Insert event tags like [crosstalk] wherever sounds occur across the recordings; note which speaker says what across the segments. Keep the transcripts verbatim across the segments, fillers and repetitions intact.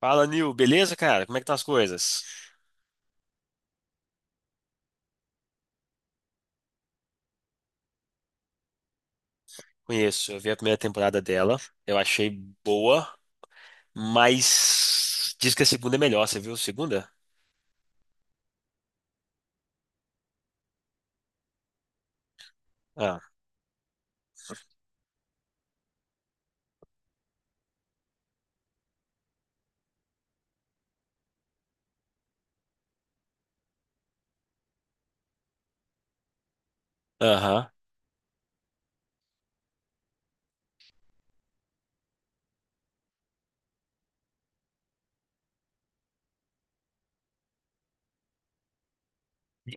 Speaker 1: Fala, Nil, beleza, cara? Como é que estão as coisas? Conheço, eu vi a primeira temporada dela, eu achei boa, mas diz que a segunda é melhor, você viu a segunda? Ah, aham.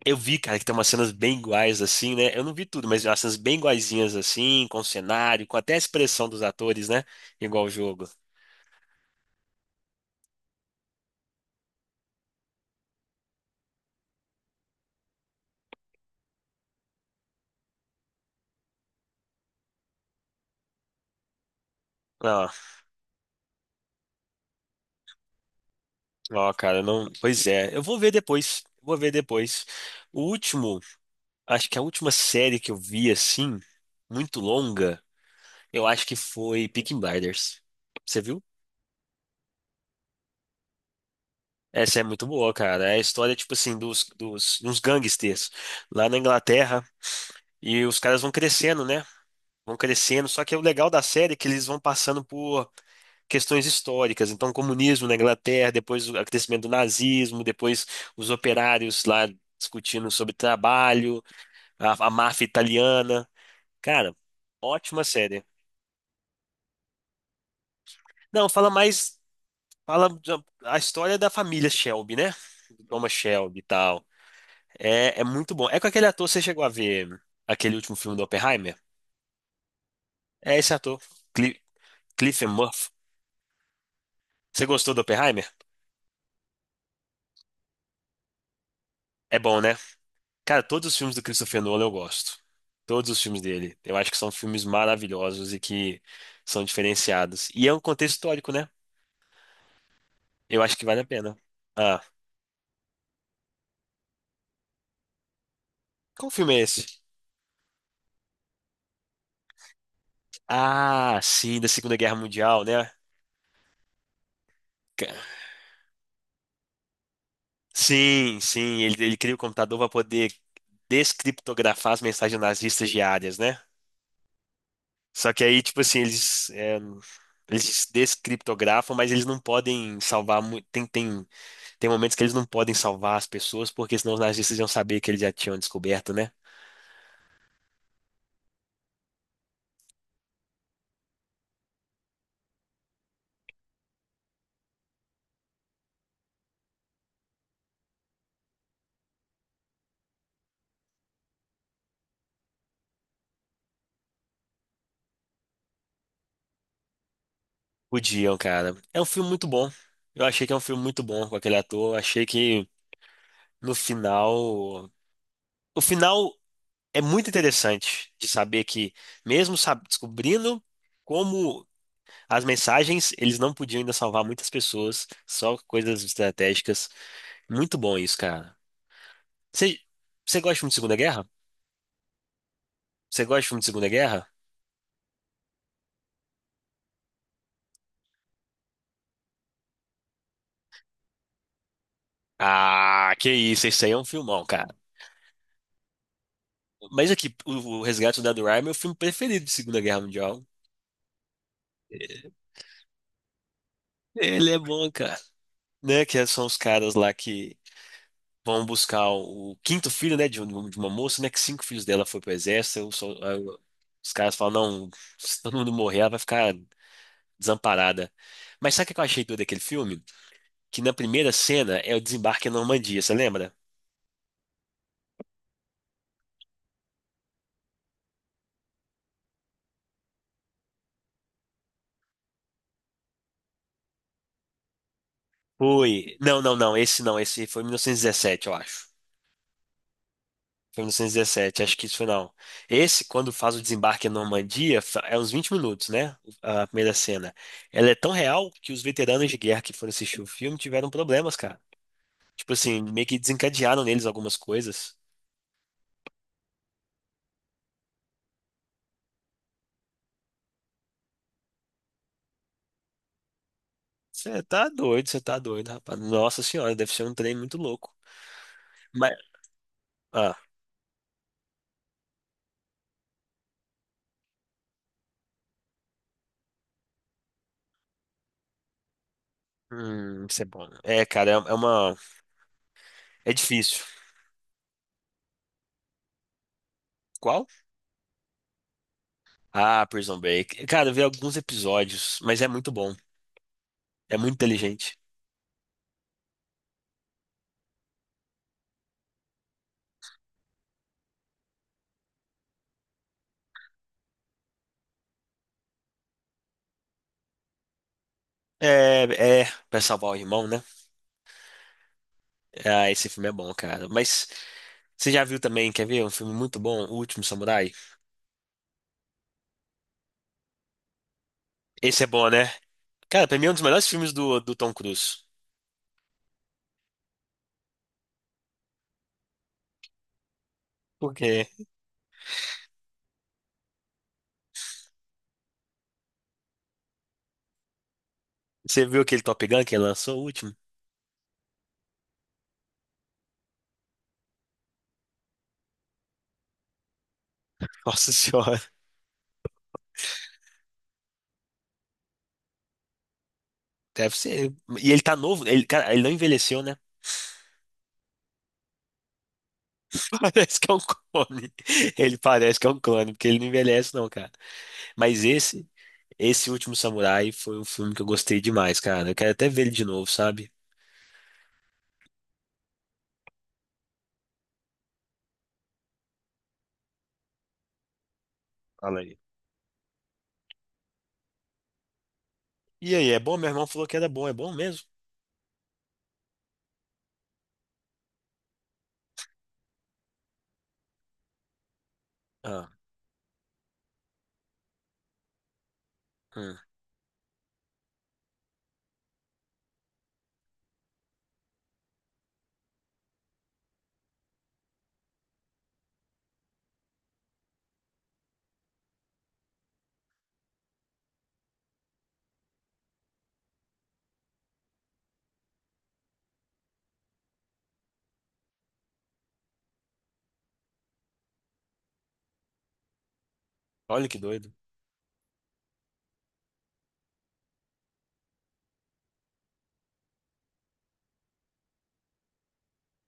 Speaker 1: Eu vi, cara, que tem umas cenas bem iguais assim, né? Eu não vi tudo, mas umas cenas bem iguaizinhas assim, com o cenário, com até a expressão dos atores, né? Igual o jogo. Ah, ó, cara, não. Pois é, eu vou ver depois. Vou ver depois. O último, acho que a última série que eu vi assim, muito longa. Eu acho que foi Peaky Blinders. Você viu? Essa é muito boa, cara. É a história, tipo assim, dos, dos, uns gangsters lá na Inglaterra. E os caras vão crescendo, né? Vão crescendo. Só que o legal da série é que eles vão passando por questões históricas. Então, o comunismo na Inglaterra, depois o crescimento do nazismo, depois os operários lá discutindo sobre trabalho, a, a máfia italiana. Cara, ótima série. Não, fala mais. Fala da- a história da família Shelby, né? Thomas Shelby e tal. É, é muito bom. É com aquele ator, você chegou a ver aquele último filme do Oppenheimer? É esse ator, Cli Cillian Murphy. Você gostou do Oppenheimer? É bom, né? Cara, todos os filmes do Christopher Nolan eu gosto. Todos os filmes dele. Eu acho que são filmes maravilhosos e que são diferenciados. E é um contexto histórico, né? Eu acho que vale a pena. Ah, qual filme é esse? Ah, sim, da Segunda Guerra Mundial, né? Sim, sim, ele, ele cria o computador para poder descriptografar as mensagens nazistas diárias, né? Só que aí, tipo assim, eles, é, eles descriptografam, mas eles não podem salvar. mu- Tem, tem, tem momentos que eles não podem salvar as pessoas, porque senão os nazistas iam saber que eles já tinham descoberto, né? Podiam, cara. É um filme muito bom. Eu achei que é um filme muito bom com aquele ator. Eu achei que no final. O final é muito interessante de saber que, mesmo sab- descobrindo. Como as mensagens, eles não podiam ainda salvar muitas pessoas, só coisas estratégicas. Muito bom isso, cara. Você você gosta de filme de Segunda Guerra? Você gosta de filme de Segunda Guerra? Ah, que isso, esse aí é um filmão, cara. Mas aqui, o, o Resgate do Soldado Ryan é meu filme preferido de Segunda Guerra Mundial. Ele é bom, cara. Né, que são os caras lá que vão buscar o, o quinto filho, né, de, um- de uma moça, né, que cinco filhos dela foi pro exército. Eu sou- aí eu- Os caras falam, não, se todo mundo morrer, ela vai ficar desamparada. Mas sabe o que eu achei doido daquele filme? Que na primeira cena é o desembarque na Normandia, você lembra? Foi. Não, não, não, esse não, esse foi em mil novecentos e dezessete, eu acho. Foi em mil novecentos e dezessete, acho que isso foi não. Esse, quando faz o desembarque na Normandia, fa- é uns vinte minutos, né? A primeira cena. Ela é tão real que os veteranos de guerra que foram assistir o filme tiveram problemas, cara. Tipo assim, meio que desencadearam neles algumas coisas. Você tá doido, você tá doido, rapaz. Nossa senhora, deve ser um trem muito louco. Mas. Ah. Hum, isso é bom. É, cara, é é uma. É difícil. Qual? Ah, Prison Break. Cara, eu vi alguns episódios, mas é muito bom. É muito inteligente. É, é, pra salvar o irmão, né? Ah, esse filme é bom, cara. Mas você já viu também, quer ver? Um filme muito bom, O Último Samurai? Esse é bom, né? Cara, pra mim é um dos melhores filmes do, do Tom Cruise. Por quê? Você viu aquele Top Gun que ele lançou, o último? [laughs] Nossa senhora. Deve ser. E ele tá novo, ele, cara, ele não envelheceu, né? [laughs] Parece que é um clone. Ele parece que é um clone, porque ele não envelhece, não, cara. Mas esse, esse Último Samurai foi um filme que eu gostei demais, cara. Eu quero até ver ele de novo, sabe? Fala aí. E aí, é bom? Meu irmão falou que era bom. É bom mesmo? Ah, hum. Olha que doido.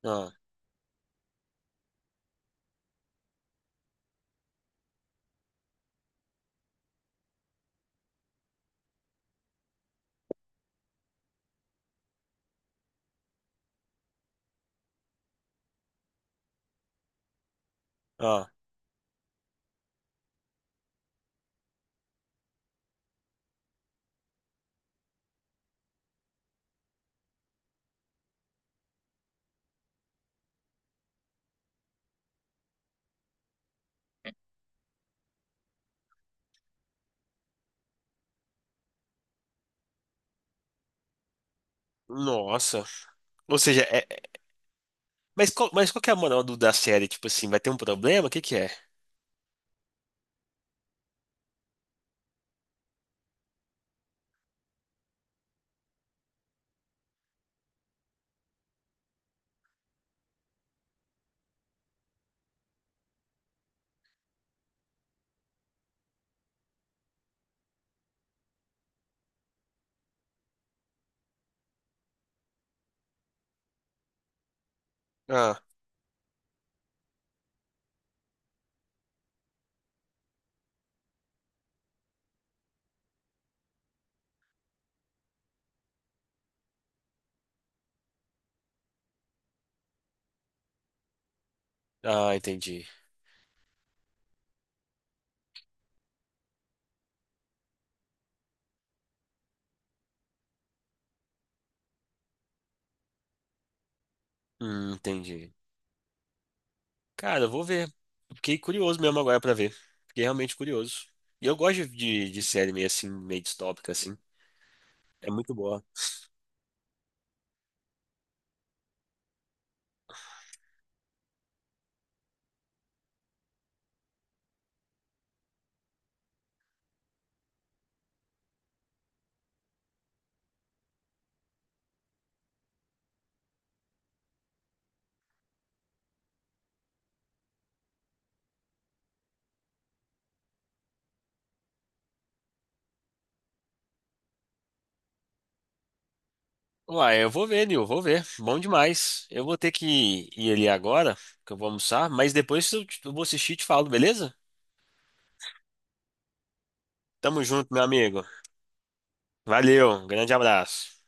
Speaker 1: Ah, ah. Nossa. Ou seja, é... é- mas, qual, mas qual que é a moral do- da série? Tipo assim, vai ter um problema? O que que é? Ah, ah, entendi. Hum, entendi. Cara, eu vou ver. Fiquei curioso mesmo agora pra ver. Fiquei realmente curioso. E eu gosto de, de série meio assim, meio distópica, assim. É muito boa. Uai, eu vou ver, Nil, vou ver. Bom demais. Eu vou ter que ir ali agora, que eu vou almoçar, mas depois eu, te- eu vou assistir e te falo, beleza? Tamo junto, meu amigo. Valeu, um grande abraço.